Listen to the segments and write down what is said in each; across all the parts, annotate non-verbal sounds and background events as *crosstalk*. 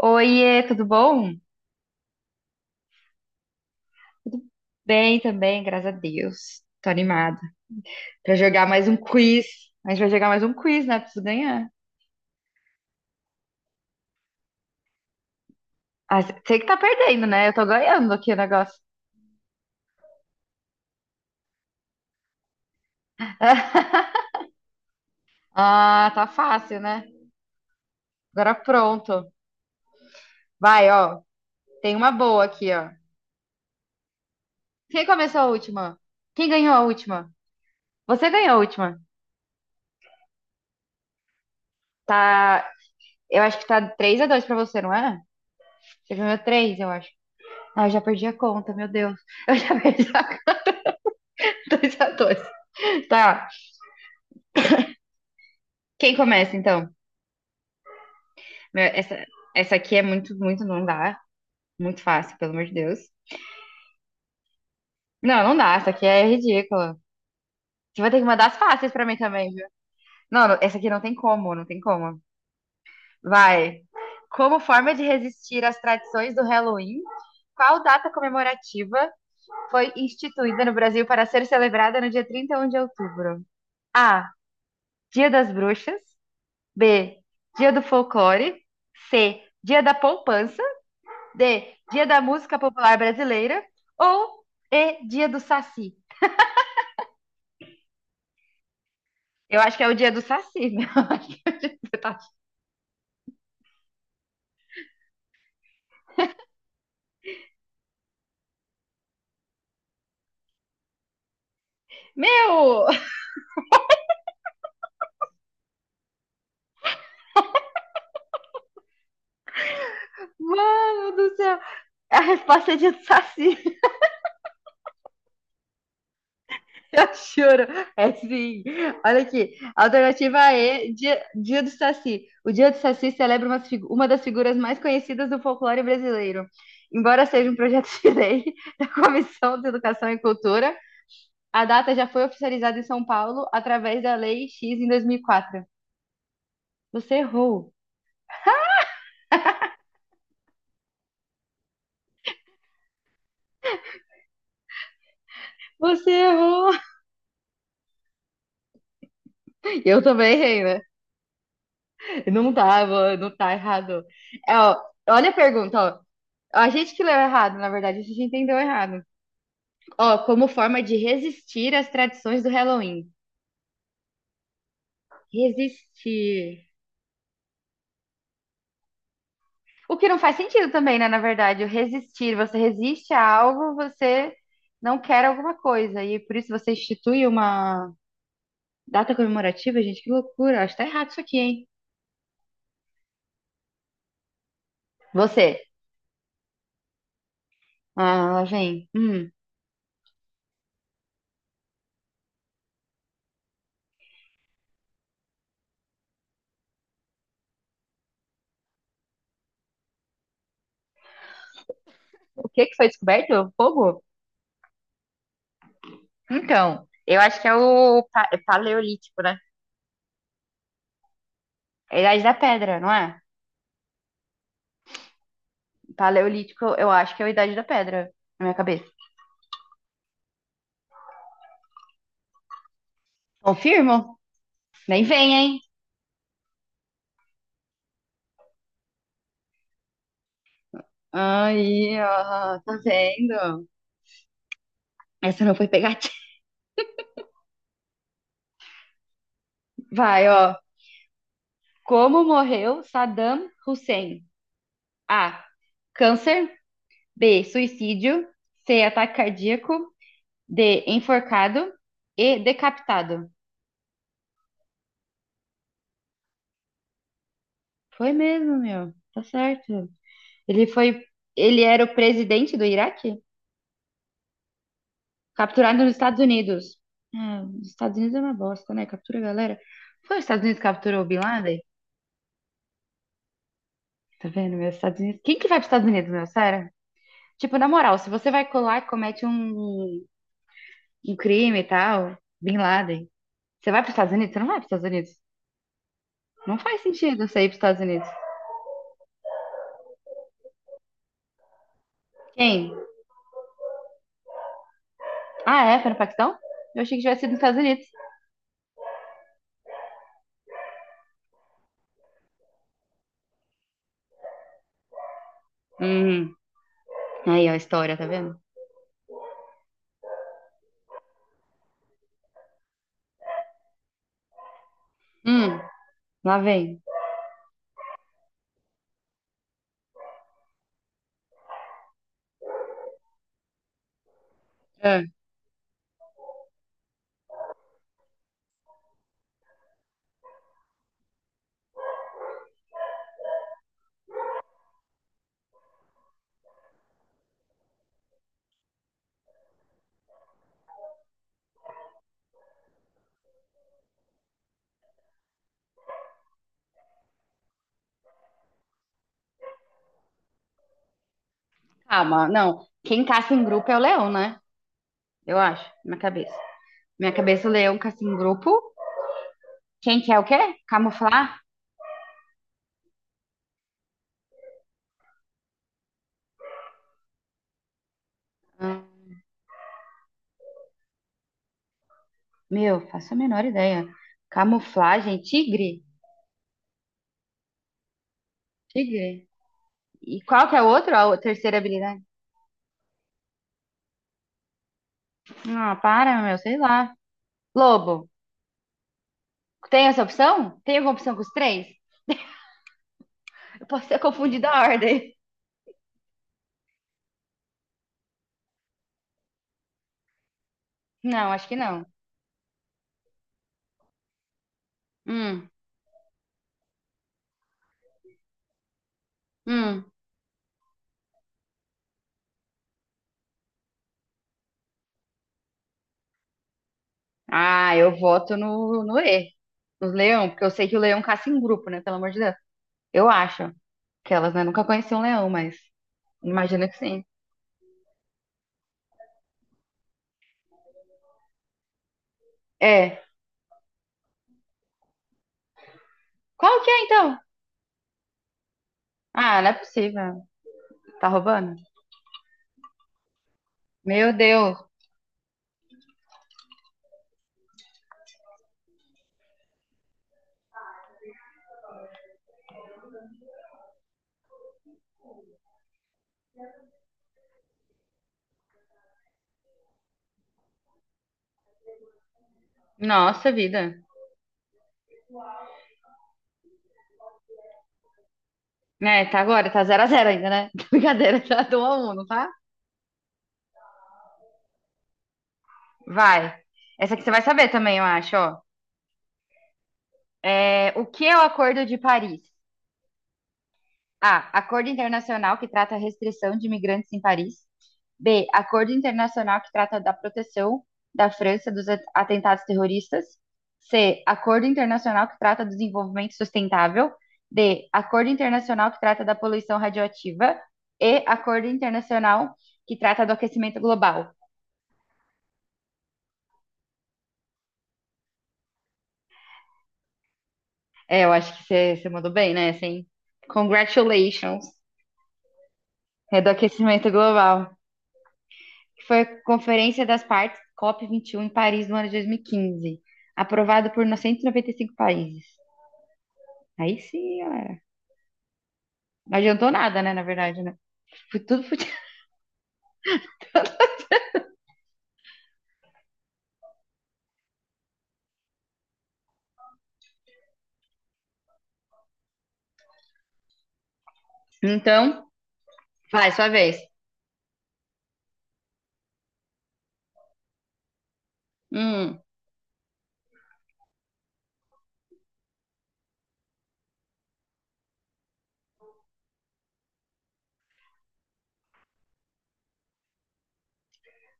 Oiê, tudo bom? Tudo bem também, graças a Deus. Tô animada pra jogar mais um quiz. A gente vai jogar mais um quiz, né? Preciso ganhar. Ah, sei que tá perdendo, né? Eu tô ganhando aqui o negócio. *laughs* Ah, tá fácil, né? Agora pronto. Vai, ó. Tem uma boa aqui, ó. Quem começou a última? Quem ganhou a última? Você ganhou a última. Tá. Eu acho que tá 3 a 2 pra você, não é? Você ganhou três, eu acho. Ah, eu já perdi a conta, meu Deus. *laughs* Eu já perdi a conta. 2 a 2. Tá. Quem começa, então? Meu, essa aqui é muito, muito, não dá. Muito fácil, pelo amor de Deus. Não, não dá. Essa aqui é ridícula. Você vai ter que mandar as fáceis pra mim também, viu? Não, não, essa aqui não tem como, não tem como. Vai. Como forma de resistir às tradições do Halloween, qual data comemorativa foi instituída no Brasil para ser celebrada no dia 31 de outubro? A. Dia das Bruxas. B. Dia do Folclore. C. Dia da Poupança. D. Dia da Música Popular Brasileira. Ou E. Dia do Saci. Eu acho que é o dia do Saci, meu. *laughs* Eu acho que é o dia do Saci. Meu! Mano do céu! É, a resposta é dia do Saci. *laughs* Eu juro. É sim. Olha aqui. Alternativa E, dia do Saci. O dia do Saci celebra uma das figuras mais conhecidas do folclore brasileiro. Embora seja um projeto de lei *laughs* da Comissão de Educação e Cultura, a data já foi oficializada em São Paulo através da Lei X em 2004. Você errou. Você errou. *laughs* Eu também errei, né? Não tá errado. É, ó, olha a pergunta, ó. A gente que leu errado, na verdade, a gente entendeu errado. Ó, como forma de resistir às tradições do Halloween. Resistir. O que não faz sentido também, né? Na verdade, o resistir. Você resiste a algo, você não quer alguma coisa. E por isso você institui uma, data comemorativa, gente, que loucura. Acho que tá errado isso aqui, hein? Você. Ah, lá vem. Hum. O que que foi descoberto? Fogo? Então, eu acho que é paleolítico, né? É a Idade da Pedra, não é? Paleolítico, eu acho que é a Idade da Pedra, na minha cabeça. Confirmo? Nem vem, hein? Aí, ó, tá vendo? Essa não foi pegativa. Vai, ó. Como morreu Saddam Hussein? A. Câncer. B. Suicídio. C. Ataque cardíaco. De enforcado e decapitado. Foi mesmo, meu. Tá certo. Ele foi. Ele era o presidente do Iraque? Capturado nos Estados Unidos. É, os Estados Unidos é uma bosta, né? Captura a galera. Foi os Estados Unidos que capturou o Bin Laden? Tá vendo, meu? Os Estados Unidos. Quem que vai pros Estados Unidos, meu? Sério? Tipo, na moral, se você vai colar e comete um crime e tal, Bin Laden, você vai pros Estados Unidos? Você não vai pros Estados Unidos. Não faz sentido você ir pros Estados Unidos. Quem? Ah, é? Foi no Paquistão? Eu achei que tivesse sido nos Estados Unidos. Hum. Aí, ó, a história, tá vendo? Hum, lá vem. É. Calma, não. Quem caça em grupo é o leão, né? Eu acho, na minha cabeça. Minha cabeça, o leão caça em grupo. Quem quer o quê? Camuflar? Ah, meu, faço a menor ideia. Camuflagem, tigre? Tigre. E qual que é o outro? Terceira habilidade? Ah, para, meu, sei lá. Lobo. Tem essa opção? Tem alguma opção com os três? Eu posso ter confundido a ordem. Não, acho que não. Hum, hum. Ah, eu voto no E, no leão, porque eu sei que o leão caça em grupo, né? Pelo amor de Deus. Eu acho que elas, né, nunca conheciam um leão, mas imagino que sim. É. Qual que é, então? Ah, não é possível. Tá roubando? Meu Deus. Nossa vida. É, tá agora, tá zero a 0 ainda, né? *laughs* Brincadeira, tá 1 a 1, não tá? Vai. Essa aqui você vai saber também, eu acho, ó. É, o que é o Acordo de Paris? A. Acordo internacional que trata a restrição de imigrantes em Paris. B. Acordo internacional que trata da proteção da França dos atentados terroristas. C. Acordo internacional que trata do desenvolvimento sustentável. D. Acordo internacional que trata da poluição radioativa. E. Acordo internacional que trata do aquecimento global. É, eu acho que você mandou bem, né? Assim, congratulations. É do aquecimento global, que foi a Conferência das Partes COP21 em Paris no ano de 2015, aprovado por 195 países. Aí sim, galera. Não adiantou nada, né, na verdade, né? Foi tudo fudido. Então, vai, sua vez. Hum,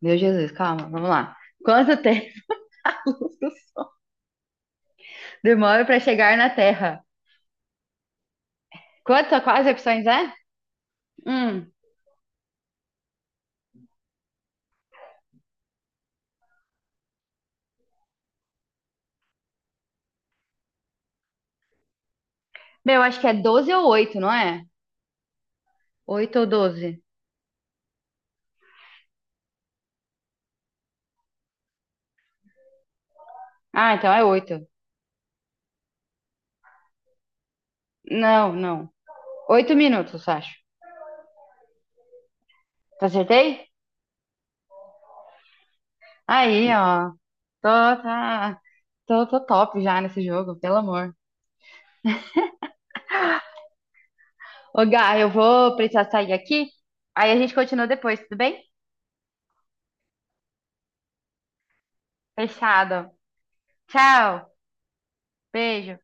meu Jesus, calma, vamos lá. Quanto tempo *laughs* do Sol demora para chegar na Terra? Quanto, quais opções é? Hum, meu, acho que é 12 ou 8, não é? 8 ou 12? Ah, então é 8. Não, não. 8 minutos, acho. Acertei? Aí, ó. Tô, tá, tô top já nesse jogo, pelo amor. Ô, Gá, eu vou precisar sair aqui. Aí a gente continua depois, tudo bem? Fechado. Tchau. Beijo.